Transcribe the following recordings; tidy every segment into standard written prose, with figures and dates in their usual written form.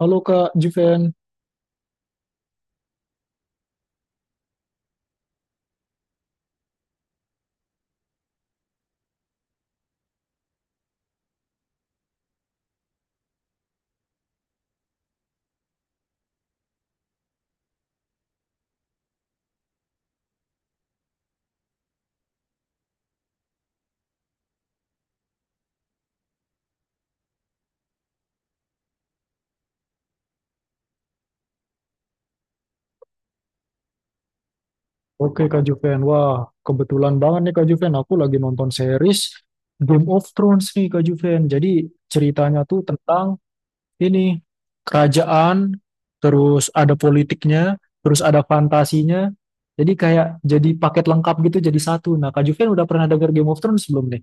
Halo Kak Juven. Oke Kak Juven. Wah, kebetulan banget nih Kak Juven. Aku lagi nonton series Game of Thrones nih Kak Juven. Jadi ceritanya tuh tentang ini kerajaan, terus ada politiknya, terus ada fantasinya. Jadi kayak jadi paket lengkap gitu jadi satu. Nah, Kak Juven udah pernah denger Game of Thrones belum nih?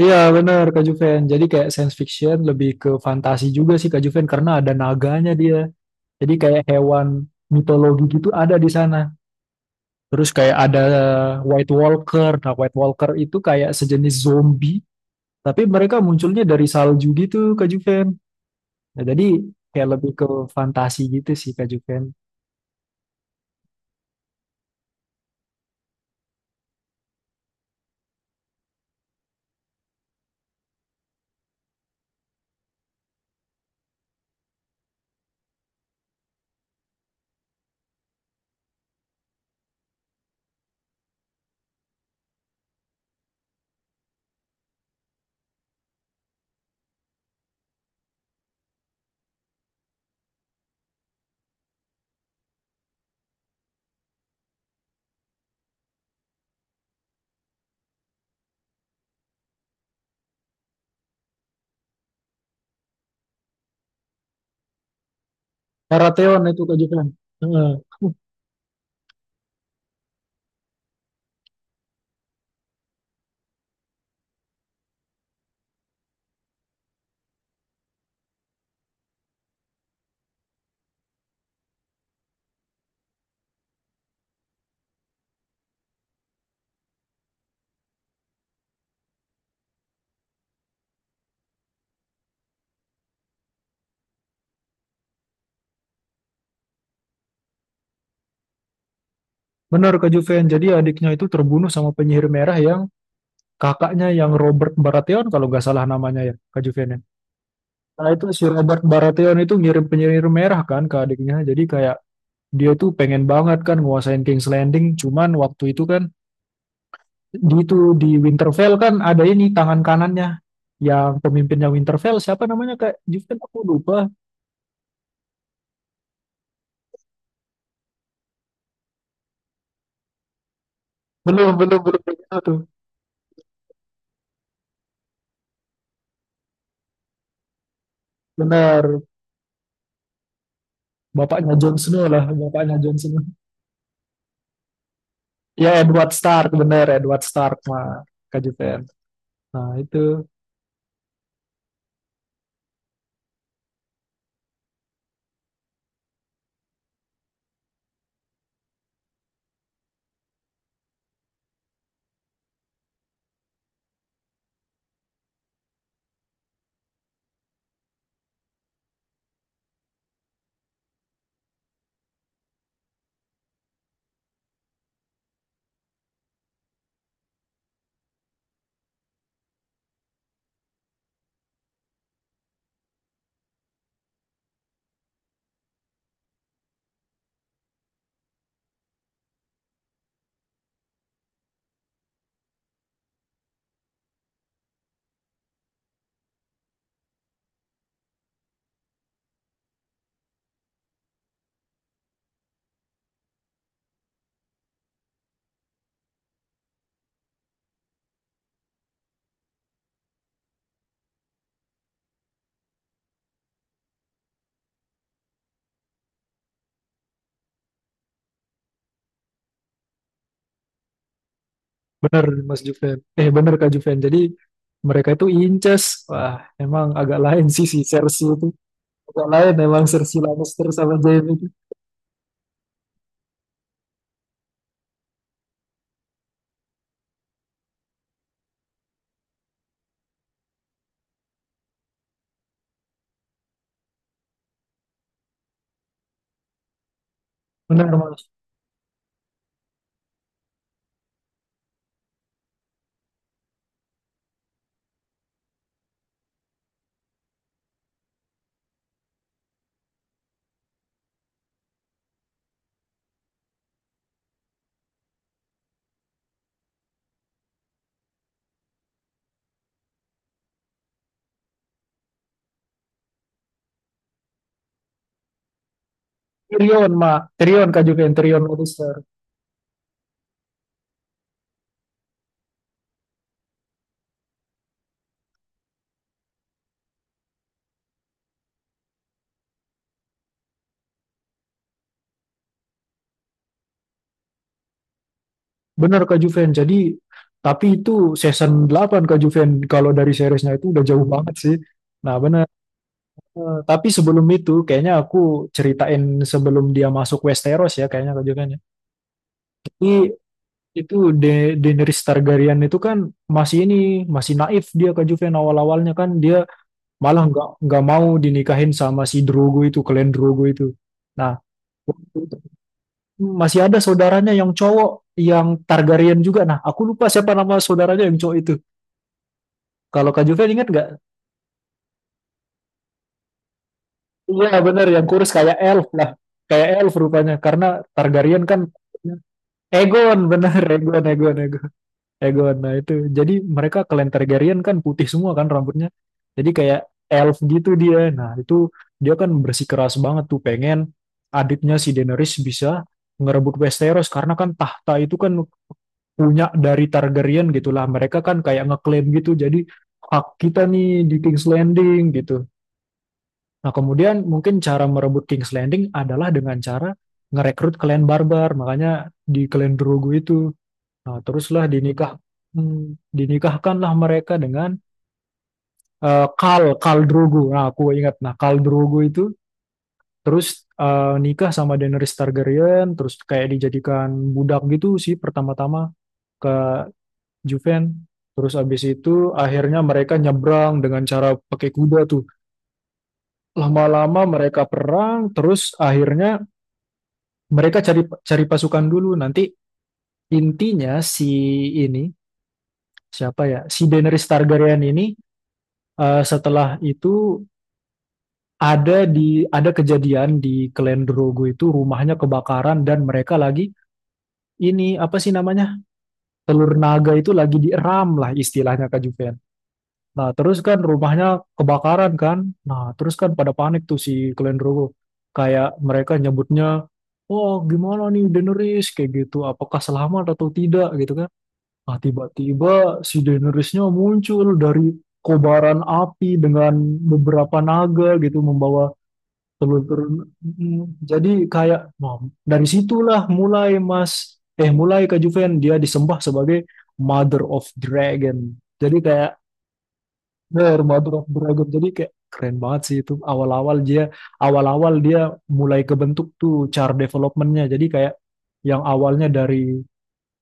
Iya bener Kak Juven. Jadi kayak science fiction lebih ke fantasi juga sih Kak Juven karena ada naganya dia. Jadi kayak hewan mitologi gitu ada di sana. Terus kayak ada White Walker. Nah, White Walker itu kayak sejenis zombie, tapi mereka munculnya dari salju gitu, Kak Juven. Nah, jadi kayak lebih ke fantasi gitu sih, Kak Juven. Baratheon itu, Kak Juven. Heeh. Benar, Kak Juven. Jadi adiknya itu terbunuh sama penyihir merah yang kakaknya yang Robert Baratheon, kalau nggak salah namanya ya, Kak Juven. Ya. Nah, itu si Robert Baratheon itu ngirim penyihir merah kan ke adiknya. Jadi kayak dia tuh pengen banget kan nguasain King's Landing, cuman waktu itu kan di itu di Winterfell kan ada ini tangan kanannya yang pemimpinnya Winterfell siapa namanya Kak Juven aku lupa. Belum belum belum belum tuh. Benar. Bapaknya Jon Snow lah, bapaknya Jon Snow. Ya Edward Stark, bener Edward Stark mah Kak Juven. Nah itu. Bener Kak Juven, jadi mereka itu inces. Wah emang agak lain sih si Cersei itu, agak lain emang Cersei Lannister sama Jaime itu. Benar Mas. Tyrion mah, Tyrion Kak Juven, Tyrion Lannister. Benar Kak Juven. Jadi tapi itu season 8 Kak Juven, kalau dari seriesnya itu udah jauh banget sih. Nah, benar. Tapi sebelum itu kayaknya aku ceritain sebelum dia masuk Westeros ya kayaknya Kak Juven ya. Jadi itu Daenerys Targaryen itu kan masih ini masih naif dia Kak Juven, awal-awalnya kan dia malah nggak mau dinikahin sama si Drogo itu, klan Drogo itu. Nah, itu masih ada saudaranya yang cowok, yang Targaryen juga. Nah, aku lupa siapa nama saudaranya yang cowok itu. Kalau Kak Juven ingat nggak? Iya bener, yang kurus kayak elf lah. Kayak elf rupanya, karena Targaryen kan Egon, bener, Egon, Egon, Egon. Egon, nah itu. Jadi mereka klan Targaryen kan putih semua kan rambutnya. Jadi kayak elf gitu dia. Nah itu dia kan bersikeras banget tuh pengen adiknya si Daenerys bisa ngerebut Westeros karena kan tahta itu kan punya dari Targaryen gitulah. Mereka kan kayak ngeklaim gitu. Jadi hak kita nih di King's Landing gitu. Nah, kemudian mungkin cara merebut King's Landing adalah dengan cara ngerekrut klan barbar, makanya di klan Drogo itu. Nah, teruslah dinikahkanlah mereka dengan Khal Khal Drogo. Nah, aku ingat, nah Khal Drogo itu terus nikah sama Daenerys Targaryen, terus kayak dijadikan budak gitu sih pertama-tama ke Juven. Terus abis itu akhirnya mereka nyebrang dengan cara pakai kuda tuh. Lama-lama mereka perang, terus akhirnya mereka cari cari pasukan dulu. Nanti intinya si ini siapa ya? Si Daenerys Targaryen ini setelah itu ada kejadian di Khalen Drogo itu, rumahnya kebakaran dan mereka lagi ini apa sih namanya? Telur naga itu lagi dieram lah istilahnya Kak Juven. Nah, terus kan rumahnya kebakaran kan? Nah, terus kan pada panik tuh si Khalen Drogo. Kayak mereka nyebutnya, "Oh, gimana nih Daenerys?" kayak gitu. Apakah selamat atau tidak gitu kan? Nah, tiba-tiba si Daenerysnya muncul dari kobaran api dengan beberapa naga gitu membawa telur-telur. Jadi kayak nah, dari situlah mulai Mas eh mulai Kak Juven dia disembah sebagai Mother of Dragon. Jadi kayak bener, Mother of Dragon. Jadi kayak keren banget sih itu awal-awal dia mulai kebentuk tuh char developmentnya. Jadi kayak yang awalnya dari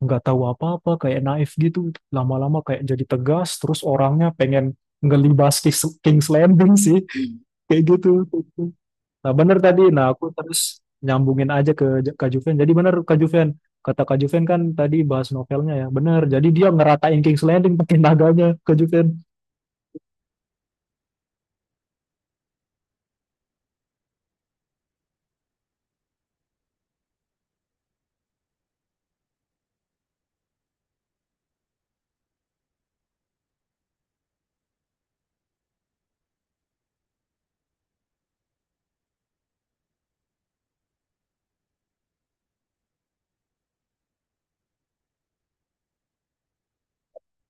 nggak tahu apa-apa kayak naif gitu, lama-lama kayak jadi tegas terus orangnya pengen ngelibas King's Landing sih kayak gitu. Nah bener tadi, nah aku terus nyambungin aja ke Kak Juven, jadi bener Kak Juven, kata Kak Juven kan tadi bahas novelnya ya, bener, jadi dia ngeratain King's Landing pakai naganya Kak Juven.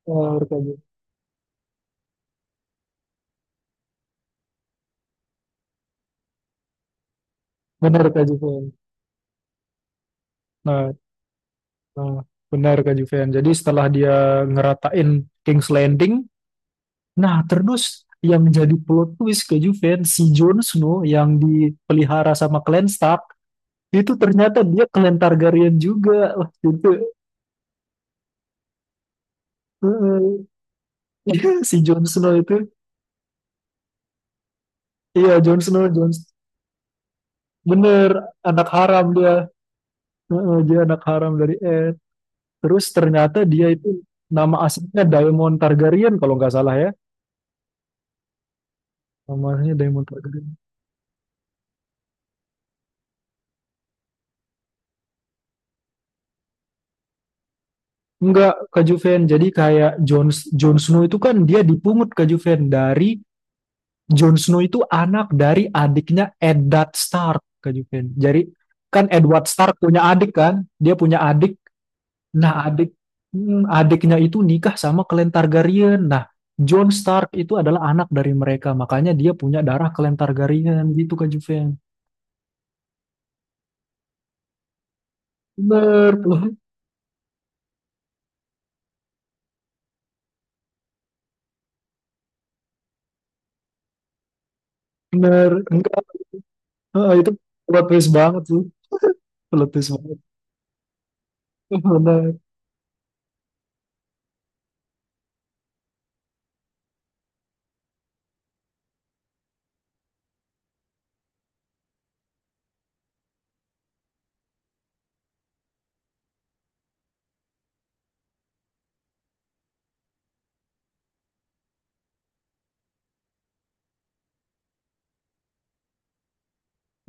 bener Kak Ju- Bener, Kak Juven. Nah, nah bener Kak Juven, jadi setelah dia ngeratain King's Landing. Nah, terus yang menjadi plot twist ke Juven, si Jon Snow yang dipelihara sama Clan Stark, itu ternyata dia Clan Targaryen juga. Wah, itu si Jon Snow itu, iya Jon Snow, bener, anak haram dia. Dia anak haram dari Ed. Terus ternyata dia itu nama aslinya Daemon Targaryen kalau nggak salah ya. Nama aslinya Daemon Targaryen. Enggak, Kak Juven. Jadi kayak Jon Jon Snow itu kan dia dipungut Kak Juven dari Jon Snow itu anak dari adiknya Eddard Stark, Kak Juven. Jadi kan Edward Stark punya adik kan? Dia punya adik. Nah, adiknya itu nikah sama Clan Targaryen. Nah, Jon Stark itu adalah anak dari mereka. Makanya dia punya darah Clan Targaryen gitu Kak Juven. Bener, bener. Enggak. Ah, itu plot twist banget tuh. Plot twist banget. Bener.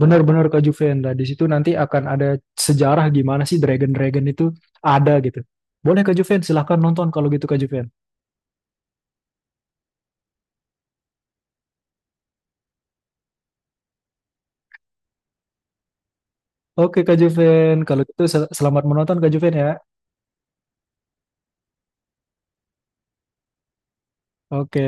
Benar-benar Kak Juvenda. Di situ nanti akan ada sejarah gimana sih Dragon-Dragon itu ada gitu. Boleh Kak Juven, silahkan nonton kalau gitu Kak Juven. Oke Kak Juven, kalau gitu selamat menonton Kak Juven ya. Oke.